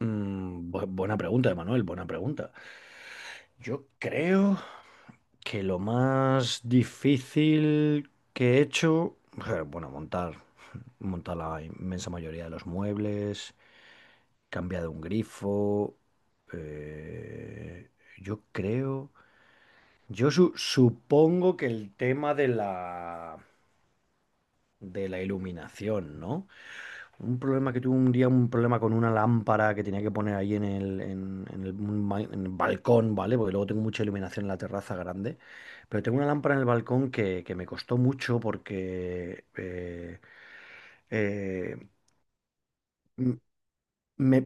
Buena pregunta, Emanuel, buena pregunta. Yo creo que lo más difícil que he hecho, bueno, montar, montar la inmensa mayoría de los muebles, cambiar un grifo. eh, yo creo, supongo que el tema de la iluminación, ¿no? Un problema que tuve un día, un problema con una lámpara que tenía que poner ahí en el, un ba- en el balcón, ¿vale? Porque luego tengo mucha iluminación en la terraza grande. Pero tengo una lámpara en el balcón que me costó mucho porque. Eh, m- me,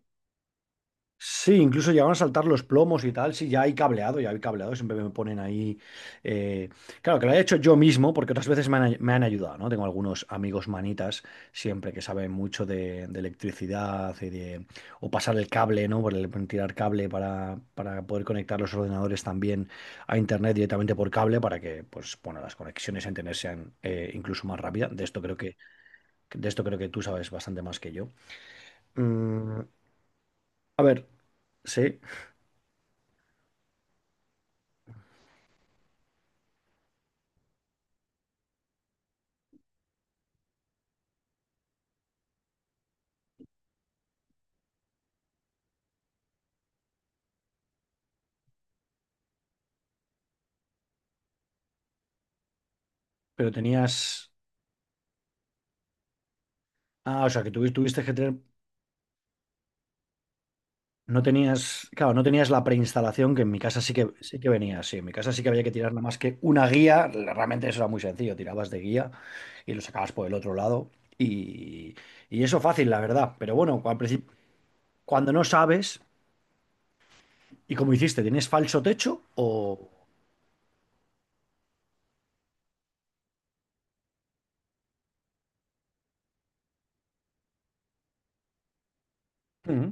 Sí, incluso llegaron a saltar los plomos y tal. Sí, ya hay cableado, ya hay cableado. Siempre me ponen ahí. eh, Claro, que lo he hecho yo mismo, porque otras veces me han ayudado, ¿no? Tengo algunos amigos manitas, siempre que saben mucho de electricidad y de... O pasar el cable, ¿no? Tirar cable para poder conectar los ordenadores también a internet directamente por cable, para que, pues, bueno, las conexiones a internet sean incluso más rápidas. De esto creo que tú sabes bastante más que yo. Mm, a ver, sí. Pero tenías. Ah, o sea, que tuviste que tener. No tenías. Claro, no tenías la preinstalación, que en mi casa sí que venía. Sí, en mi casa sí que había que tirar nada más que una guía. Realmente eso era muy sencillo. Tirabas de guía y lo sacabas por el otro lado. Y, y eso fácil, la verdad. Pero bueno, al principio, cuando no sabes, ¿y cómo hiciste? ¿Tienes falso techo? O. Mm,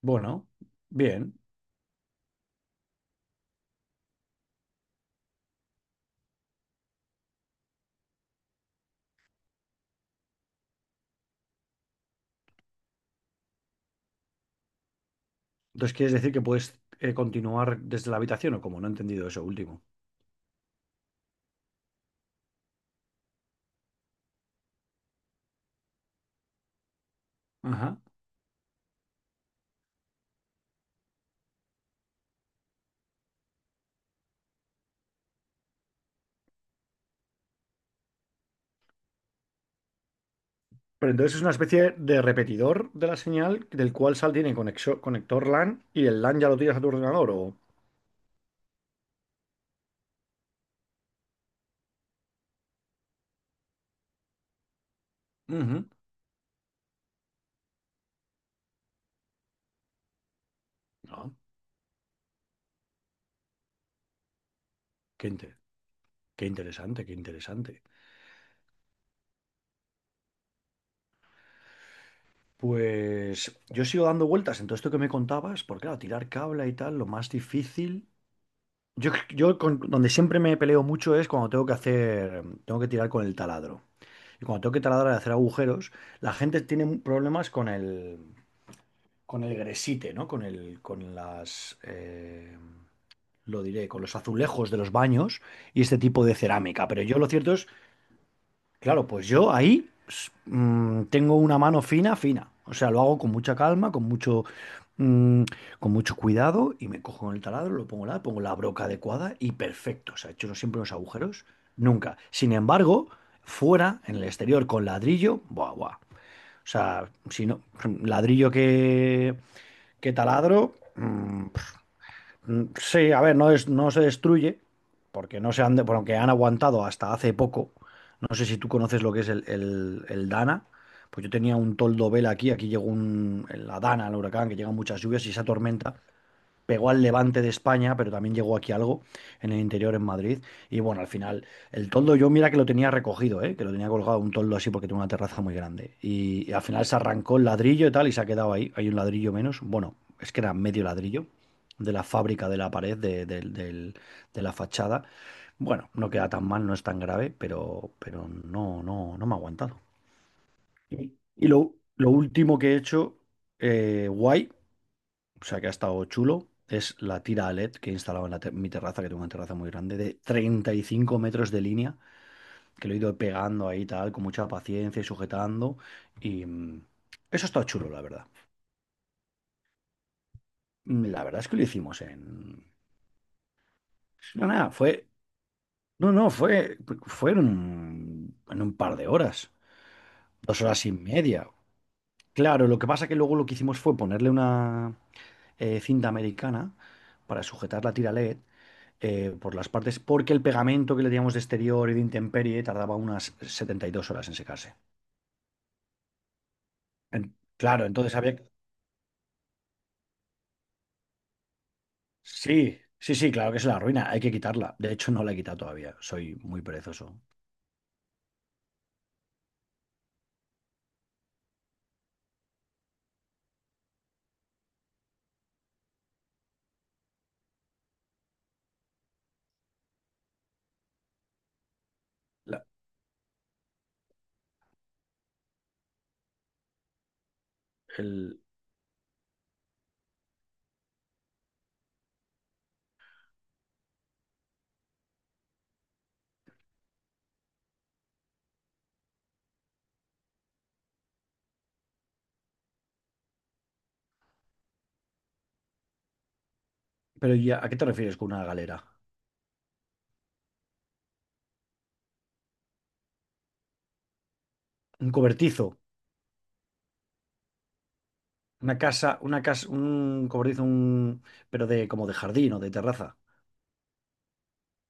bueno, bien. Entonces, ¿quieres decir que puedes continuar desde la habitación o como No he entendido eso último. Ajá. Pero entonces es una especie de repetidor de la señal del cual sal tiene conector LAN y el LAN ya lo tiras a tu ordenador o... Ujú. No, qué, inte- qué interesante, qué interesante. Pues yo sigo dando vueltas en todo esto que me contabas, porque claro, tirar cable y tal, lo más difícil. Donde siempre me peleo mucho es cuando tengo que tirar con el taladro. Y cuando tengo que taladrar y hacer agujeros, la gente tiene problemas con el, gresite, ¿no? Con el, con las, lo diré, con los azulejos de los baños y este tipo de cerámica. Pero yo lo cierto es, claro, pues yo ahí tengo una mano fina, fina. O sea, lo hago con mucha calma, mm, con mucho cuidado y me cojo el taladro, pongo la broca adecuada y perfecto. O sea, he hecho siempre unos agujeros, nunca. Sin embargo, fuera, en el exterior, con ladrillo, buah, buah. O sea, si no, ladrillo que taladro. Mm, sí, a ver, no, es, no se destruye, porque no se han, de- porque han aguantado hasta hace poco. No sé si tú conoces lo que es el, el Dana. Pues yo tenía un toldo vela aquí, aquí llegó un, la Dana, el huracán, que llegan muchas lluvias y esa tormenta pegó al Levante de España, pero también llegó aquí algo en el interior en Madrid. Y bueno, al final, el toldo, yo mira que lo tenía recogido, ¿eh? Que lo tenía colgado un toldo así porque tengo una terraza muy grande. Y al final se arrancó el ladrillo y tal y se ha quedado ahí. Hay un ladrillo menos. Bueno, es que era medio ladrillo de la fábrica de la pared, de la fachada. Bueno, no queda tan mal, no es tan grave, pero no, no, no me ha aguantado. Y lo último que he hecho, guay, o sea que ha estado chulo. Es la tira LED que he instalado en la mi terraza, que tengo una terraza muy grande, de 35 metros de línea, que lo he ido pegando ahí tal, con mucha paciencia y sujetando. Y eso está chulo, la verdad. La verdad es que lo hicimos en... No, nada, fue... No, no, fue en un par de horas, 2 horas y media. Claro, lo que pasa que luego lo que hicimos fue ponerle una cinta americana para sujetar la tira LED por las partes, porque el pegamento que le teníamos de exterior y de intemperie tardaba unas 72 horas en secarse. Claro, entonces había... Sí, sí, sí, claro que es la ruina, hay que quitarla. De hecho, no la he quitado todavía, soy muy perezoso. La- el- Pero ya, ¿a qué te refieres con una galera? Un cobertizo, una casa, un cobertizo, un... Pero de como de jardín o de terraza,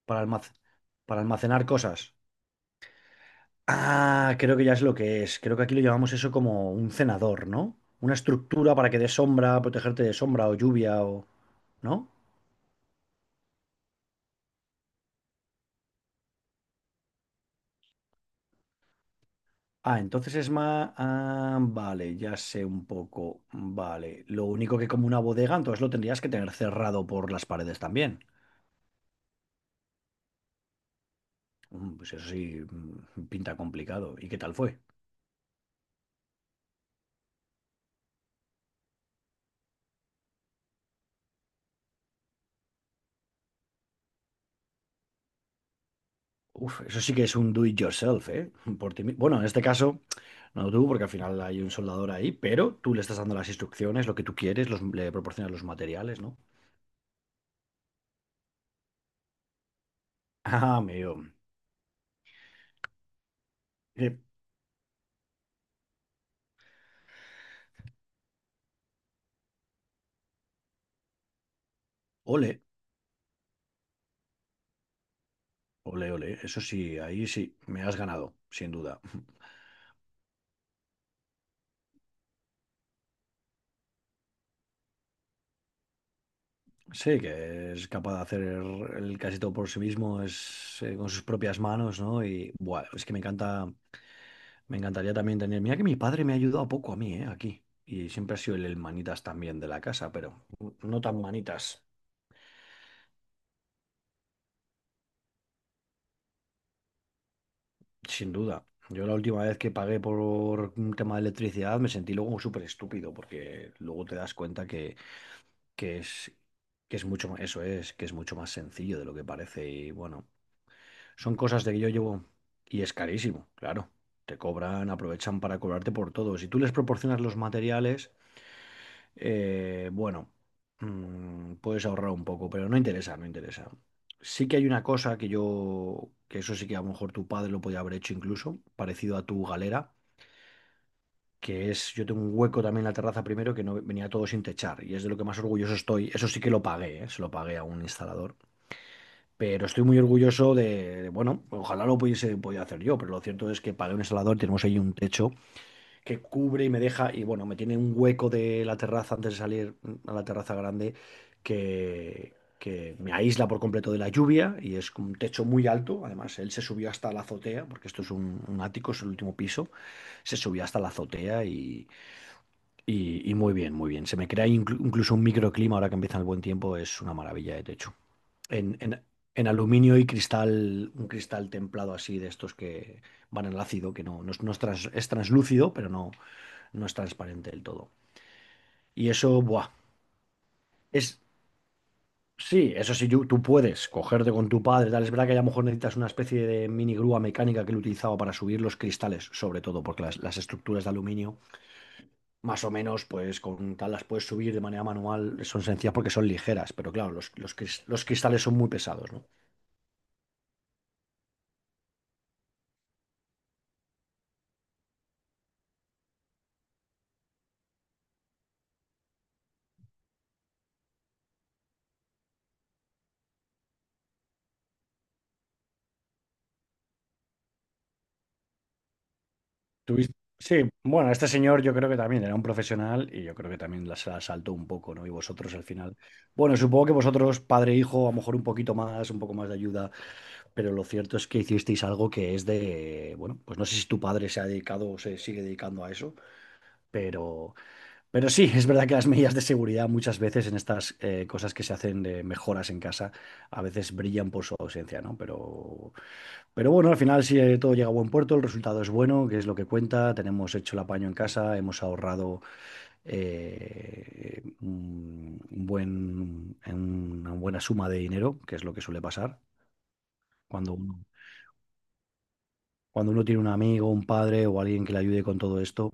para almac- para almacenar cosas. Ah, creo que ya es lo que es. Creo que aquí lo llamamos eso como un cenador, ¿no? Una estructura para que de sombra, protegerte de sombra o lluvia o... ¿No? Ah, entonces es más... Ah, vale, ya sé un poco. Vale. Lo único que como una bodega, entonces lo tendrías que tener cerrado por las paredes también. Pues eso sí, pinta complicado. ¿Y qué tal fue? Uf, eso sí que es un do it yourself, ¿eh? Bueno, en este caso, no tú, porque al final hay un soldador ahí, pero tú le estás dando las instrucciones, lo que tú quieres, le proporcionas los materiales, ¿no? Ah, amigo. Eh, Ole, ole, ole. Eso sí, ahí sí, me has ganado, sin duda. Sí, que es capaz de hacer el casi todo por sí mismo, es con sus propias manos, ¿no? Y, buah, es que me encanta. Me encantaría también tener. Mira que mi padre me ha ayudado poco a mí, ¿eh? Aquí. Y siempre ha sido el manitas también de la casa, pero no tan manitas, sin duda. Yo la última vez que pagué por un tema de electricidad me sentí luego súper estúpido, porque luego te das cuenta que que es mucho más, eso es, que es mucho más sencillo de lo que parece. Y bueno, son cosas de que yo llevo. Y es carísimo, claro. Te cobran, aprovechan para cobrarte por todo. Si tú les proporcionas los materiales. Bueno, puedes ahorrar un poco, pero no interesa, no interesa. Sí que hay una cosa que yo, que eso sí que a lo mejor tu padre lo podía haber hecho incluso, parecido a tu galera, que es, yo tengo un hueco también en la terraza primero que no venía todo sin techar, y es de lo que más orgulloso estoy. Eso sí que lo pagué, ¿eh? Se lo pagué a un instalador. Pero estoy muy orgulloso bueno, ojalá lo pudiese, podía hacer yo, pero lo cierto es que pagué un instalador, tenemos ahí un techo que cubre y me deja, y bueno, me tiene un hueco de la terraza antes de salir a la terraza grande que, que me aísla por completo de la lluvia y es un techo muy alto. Además, él se subió hasta la azotea, porque esto es un ático, es el último piso, se subió hasta la azotea y muy bien, muy bien. Se me crea incluso un microclima ahora que empieza el buen tiempo, es una maravilla de techo. En, en- en aluminio y cristal, un cristal templado así de estos que van en el ácido, que no, es translúcido, pero no, no es transparente del todo. Y eso, buah, es, sí, eso sí, tú puedes cogerte con tu padre, tal, es verdad que a lo mejor necesitas una especie de mini grúa mecánica que él utilizaba para subir los cristales, sobre todo, porque las estructuras de aluminio, más o menos, pues con tal las puedes subir de manera manual, son sencillas porque son ligeras, pero claro, los cristales son muy pesados, ¿no? Tuviste- Sí, bueno, este señor yo creo que también era un profesional y yo creo que también se la saltó un poco, ¿no? Y vosotros al final. Bueno, supongo que vosotros, padre e hijo, a lo mejor un poquito más, un poco más de ayuda, pero lo cierto es que hicisteis algo que es de, bueno, pues no sé si tu padre se ha dedicado o se sigue dedicando a eso, pero, pero sí, es verdad que las medidas de seguridad muchas veces en estas cosas que se hacen de mejoras en casa a veces brillan por su ausencia, ¿no? Pero bueno, al final si todo llega a buen puerto, el resultado es bueno, que es lo que cuenta, tenemos hecho el apaño en casa, hemos ahorrado eh, un un buen, en una buena suma de dinero, que es lo que suele pasar cuando uno, cuando uno tiene un amigo, un padre o alguien que le ayude con todo esto,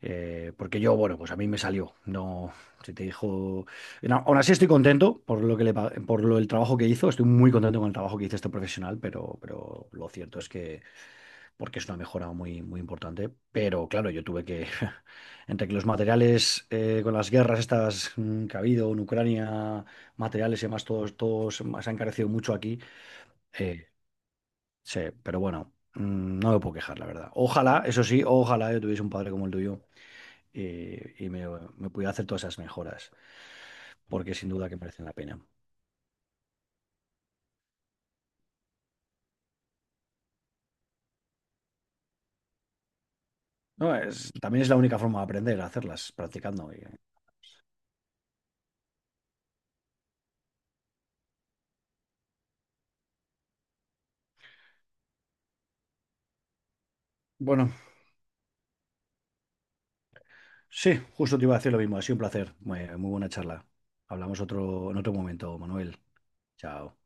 porque yo, bueno, pues a mí me salió, no, si te dijo, no, aún así estoy contento por lo que le, pa- por lo, el trabajo que hizo, estoy muy contento con el trabajo que hizo este profesional, pero lo cierto es que porque es una mejora muy, muy importante. Pero claro, yo tuve que, entre que los materiales con las guerras estas que ha habido en Ucrania, materiales y demás, todos, todos se han encarecido mucho aquí. eh, sí, pero bueno, no me puedo quejar, la verdad. Ojalá, eso sí, ojalá yo tuviese un padre como el tuyo y, y me, me pudiera hacer todas esas mejoras, porque sin duda que merecen la pena. No, es, también es la única forma de aprender, hacerlas practicando. Y, bueno, sí, justo te iba a decir lo mismo. Ha sido un placer. Muy, muy buena charla. Hablamos otro, en otro momento, Manuel. Chao.